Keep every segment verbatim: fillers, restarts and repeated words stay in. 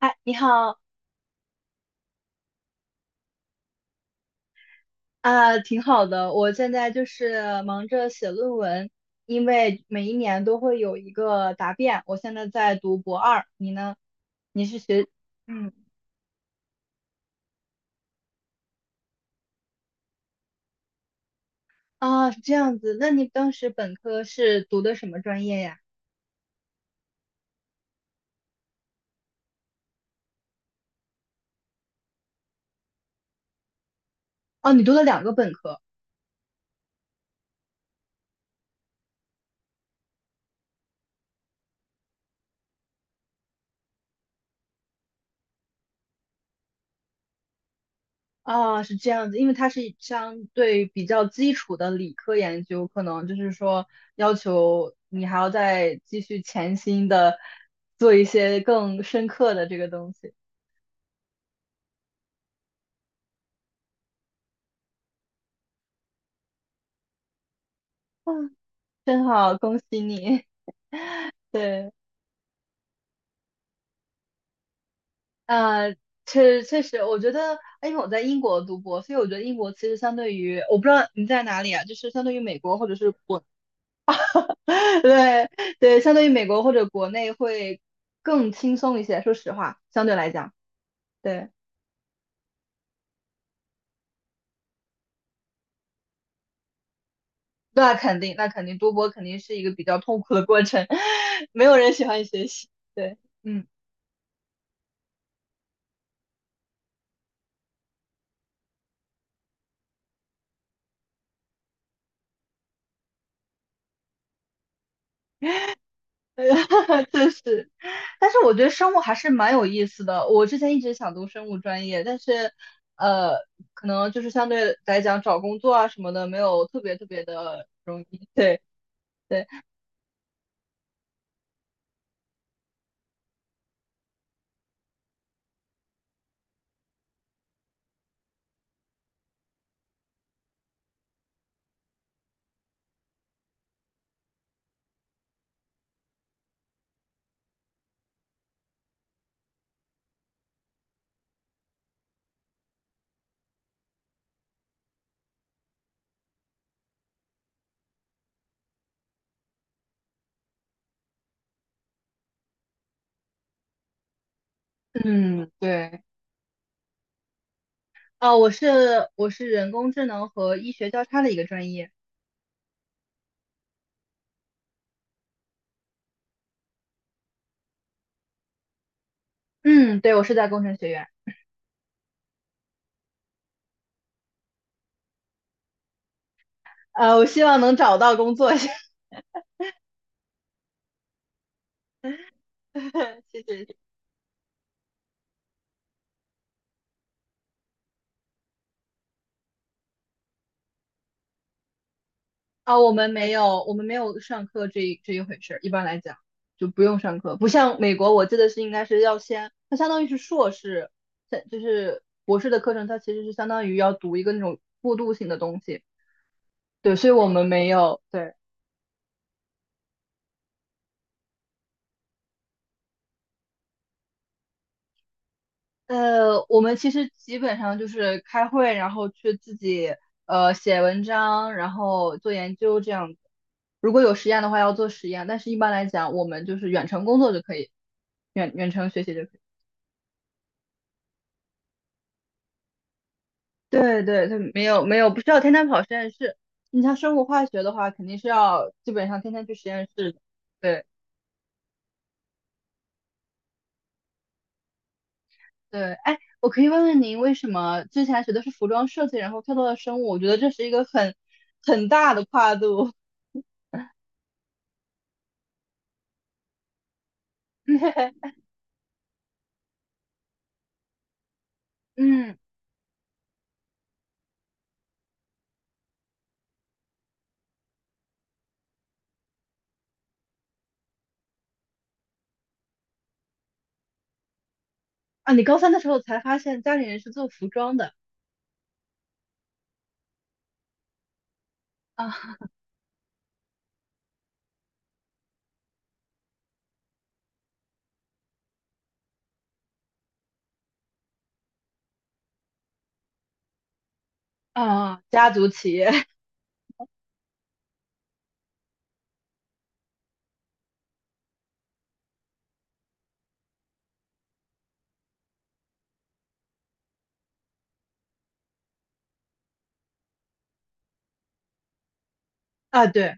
嗨，你好啊，挺好的。我现在就是忙着写论文，因为每一年都会有一个答辩。我现在在读博二，你呢？你是学，嗯，啊，是这样子。那你当时本科是读的什么专业呀？哦，你读了两个本科。啊，是这样子，因为它是相对比较基础的理科研究，可能就是说要求你还要再继续潜心的做一些更深刻的这个东西。真好，恭喜你。对，啊，确确实，我觉得，因为我在英国读博，所以我觉得英国其实相对于，我不知道你在哪里啊，就是相对于美国或者是国，对对，相对于美国或者国内会更轻松一些。说实话，相对来讲，对，那肯定，那肯定，读博肯定是一个比较痛苦的过程，没有人喜欢学习。对，嗯。哈哈，就是，但是我觉得生物还是蛮有意思的。我之前一直想读生物专业，但是，呃，可能就是相对来讲找工作啊什么的没有特别特别的容易。对对，嗯对，啊、我是我是人工智能和医学交叉的一个专业。嗯，对，我是在工程学院。呃，我希望能找到工作。谢谢谢谢。啊，我们没有，我们没有上课这一这一回事儿。一般来讲，就不用上课，不像美国，我记得是应该是要先，它相当于是硕士，在就是博士的课程，它其实是相当于要读一个那种过渡性的东西。对，所以我们没有，对，呃，我们其实基本上就是开会，然后去自己呃写文章，然后做研究这样子。如果有实验的话，要做实验，但是一般来讲，我们就是远程工作就可以，远远程学习就可以。对对，他没有没有，不需要天天跑实验室。你像生物化学的话，肯定是要基本上天天去实验室的。对对，哎，我可以问问您，为什么之前学的是服装设计，然后跳到了生物？我觉得这是一个很很大的跨度。嗯啊，你高三的时候才发现家里人是做服装的啊 啊，家族企业 啊，对，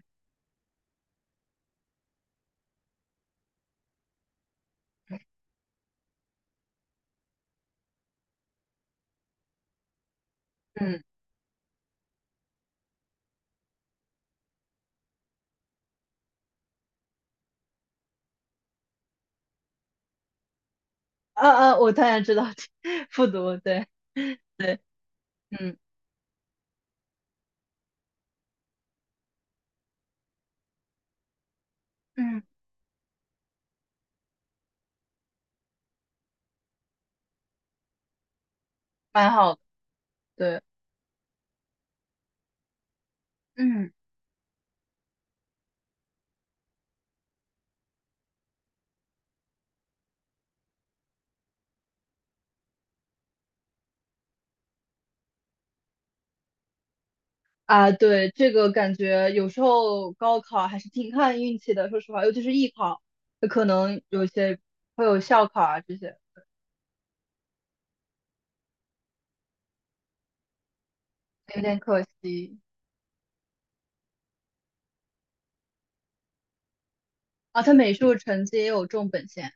嗯啊啊，我当然知道，复读，对 对，嗯嗯，蛮好的，对，嗯。啊，对，这个感觉有时候高考还是挺看运气的，说实话，尤其是艺考，有可能有些会有校考啊这些，有点可惜。啊，他美术成绩也有重本线，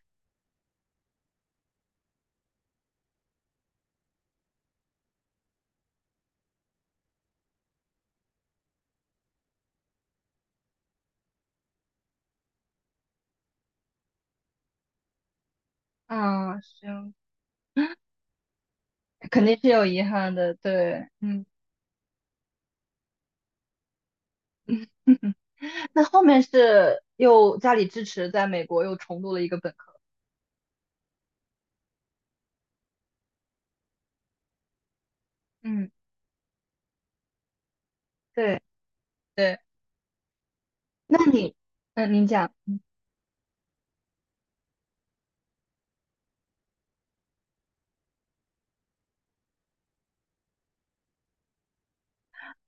啊，行，肯定是有遗憾的，对，嗯，那后面是又家里支持，在美国又重读了一个本科，嗯，对对，那你，嗯，您讲。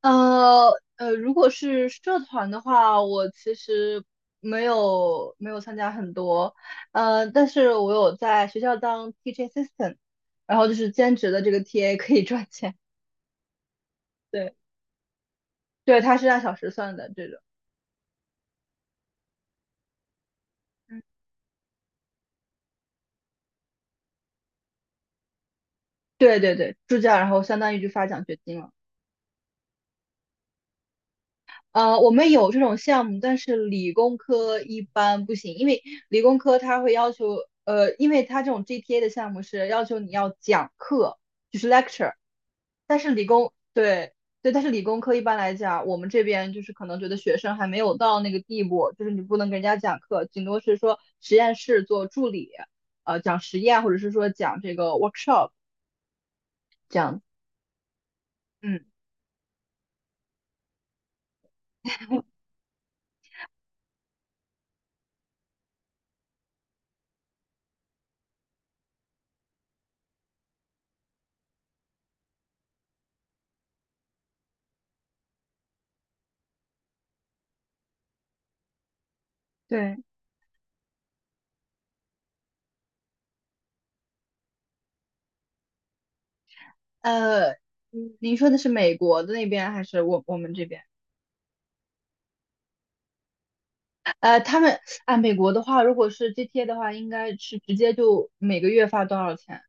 呃呃，如果是社团的话，我其实没有没有参加很多，呃，但是我有在学校当 teaching assistant，然后就是兼职的这个 T A 可以赚钱，对对，它是按小时算的这种，嗯对对对，助教，然后相当于就发奖学金了。呃，我们有这种项目，但是理工科一般不行，因为理工科它会要求，呃，因为它这种 G P A 的项目是要求你要讲课，就是 lecture，但是理工，对对，但是理工科一般来讲，我们这边就是可能觉得学生还没有到那个地步，就是你不能给人家讲课，顶多是说实验室做助理，呃，讲实验或者是说讲这个 workshop 这样子，嗯，对，呃，你您说的是美国的那边还是我我们这边？呃，他们啊，美国的话，如果是 G T A 的话，应该是直接就每个月发多少钱，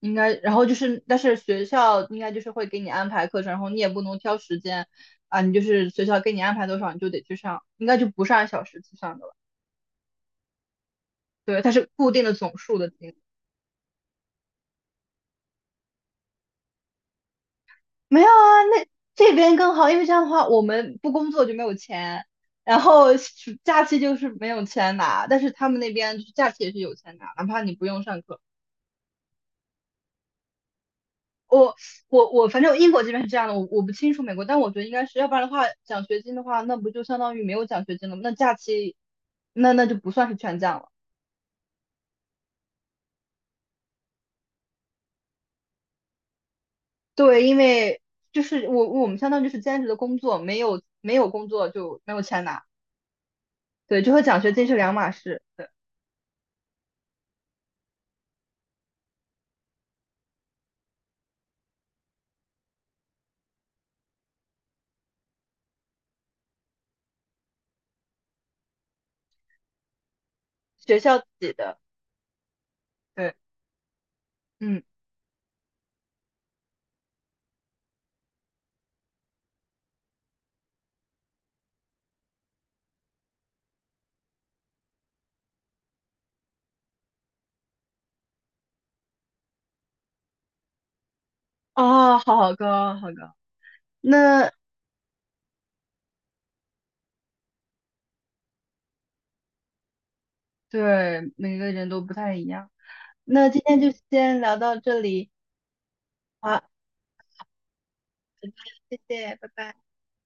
应该，然后就是，但是学校应该就是会给你安排课程，然后你也不能挑时间啊，你就是学校给你安排多少，你就得去上，应该就不是按小时计算的了，对，它是固定的总数的金额。没有啊，那这边更好，因为这样的话，我们不工作就没有钱，然后暑假期就是没有钱拿，但是他们那边就是假期也是有钱拿，哪怕你不用上课。我我我，反正英国这边是这样的，我我不清楚美国，但我觉得应该是要不然的话，奖学金的话，那不就相当于没有奖学金了吗？那假期，那那就不算是全奖了。对，因为就是我我们相当于就是兼职的工作，没有没有工作就没有钱拿。对，就和奖学金是两码事。对，学校给的。对，嗯，啊，好好高，好高。那对每个人都不太一样。那今天就先聊到这里，好，谢谢，拜拜。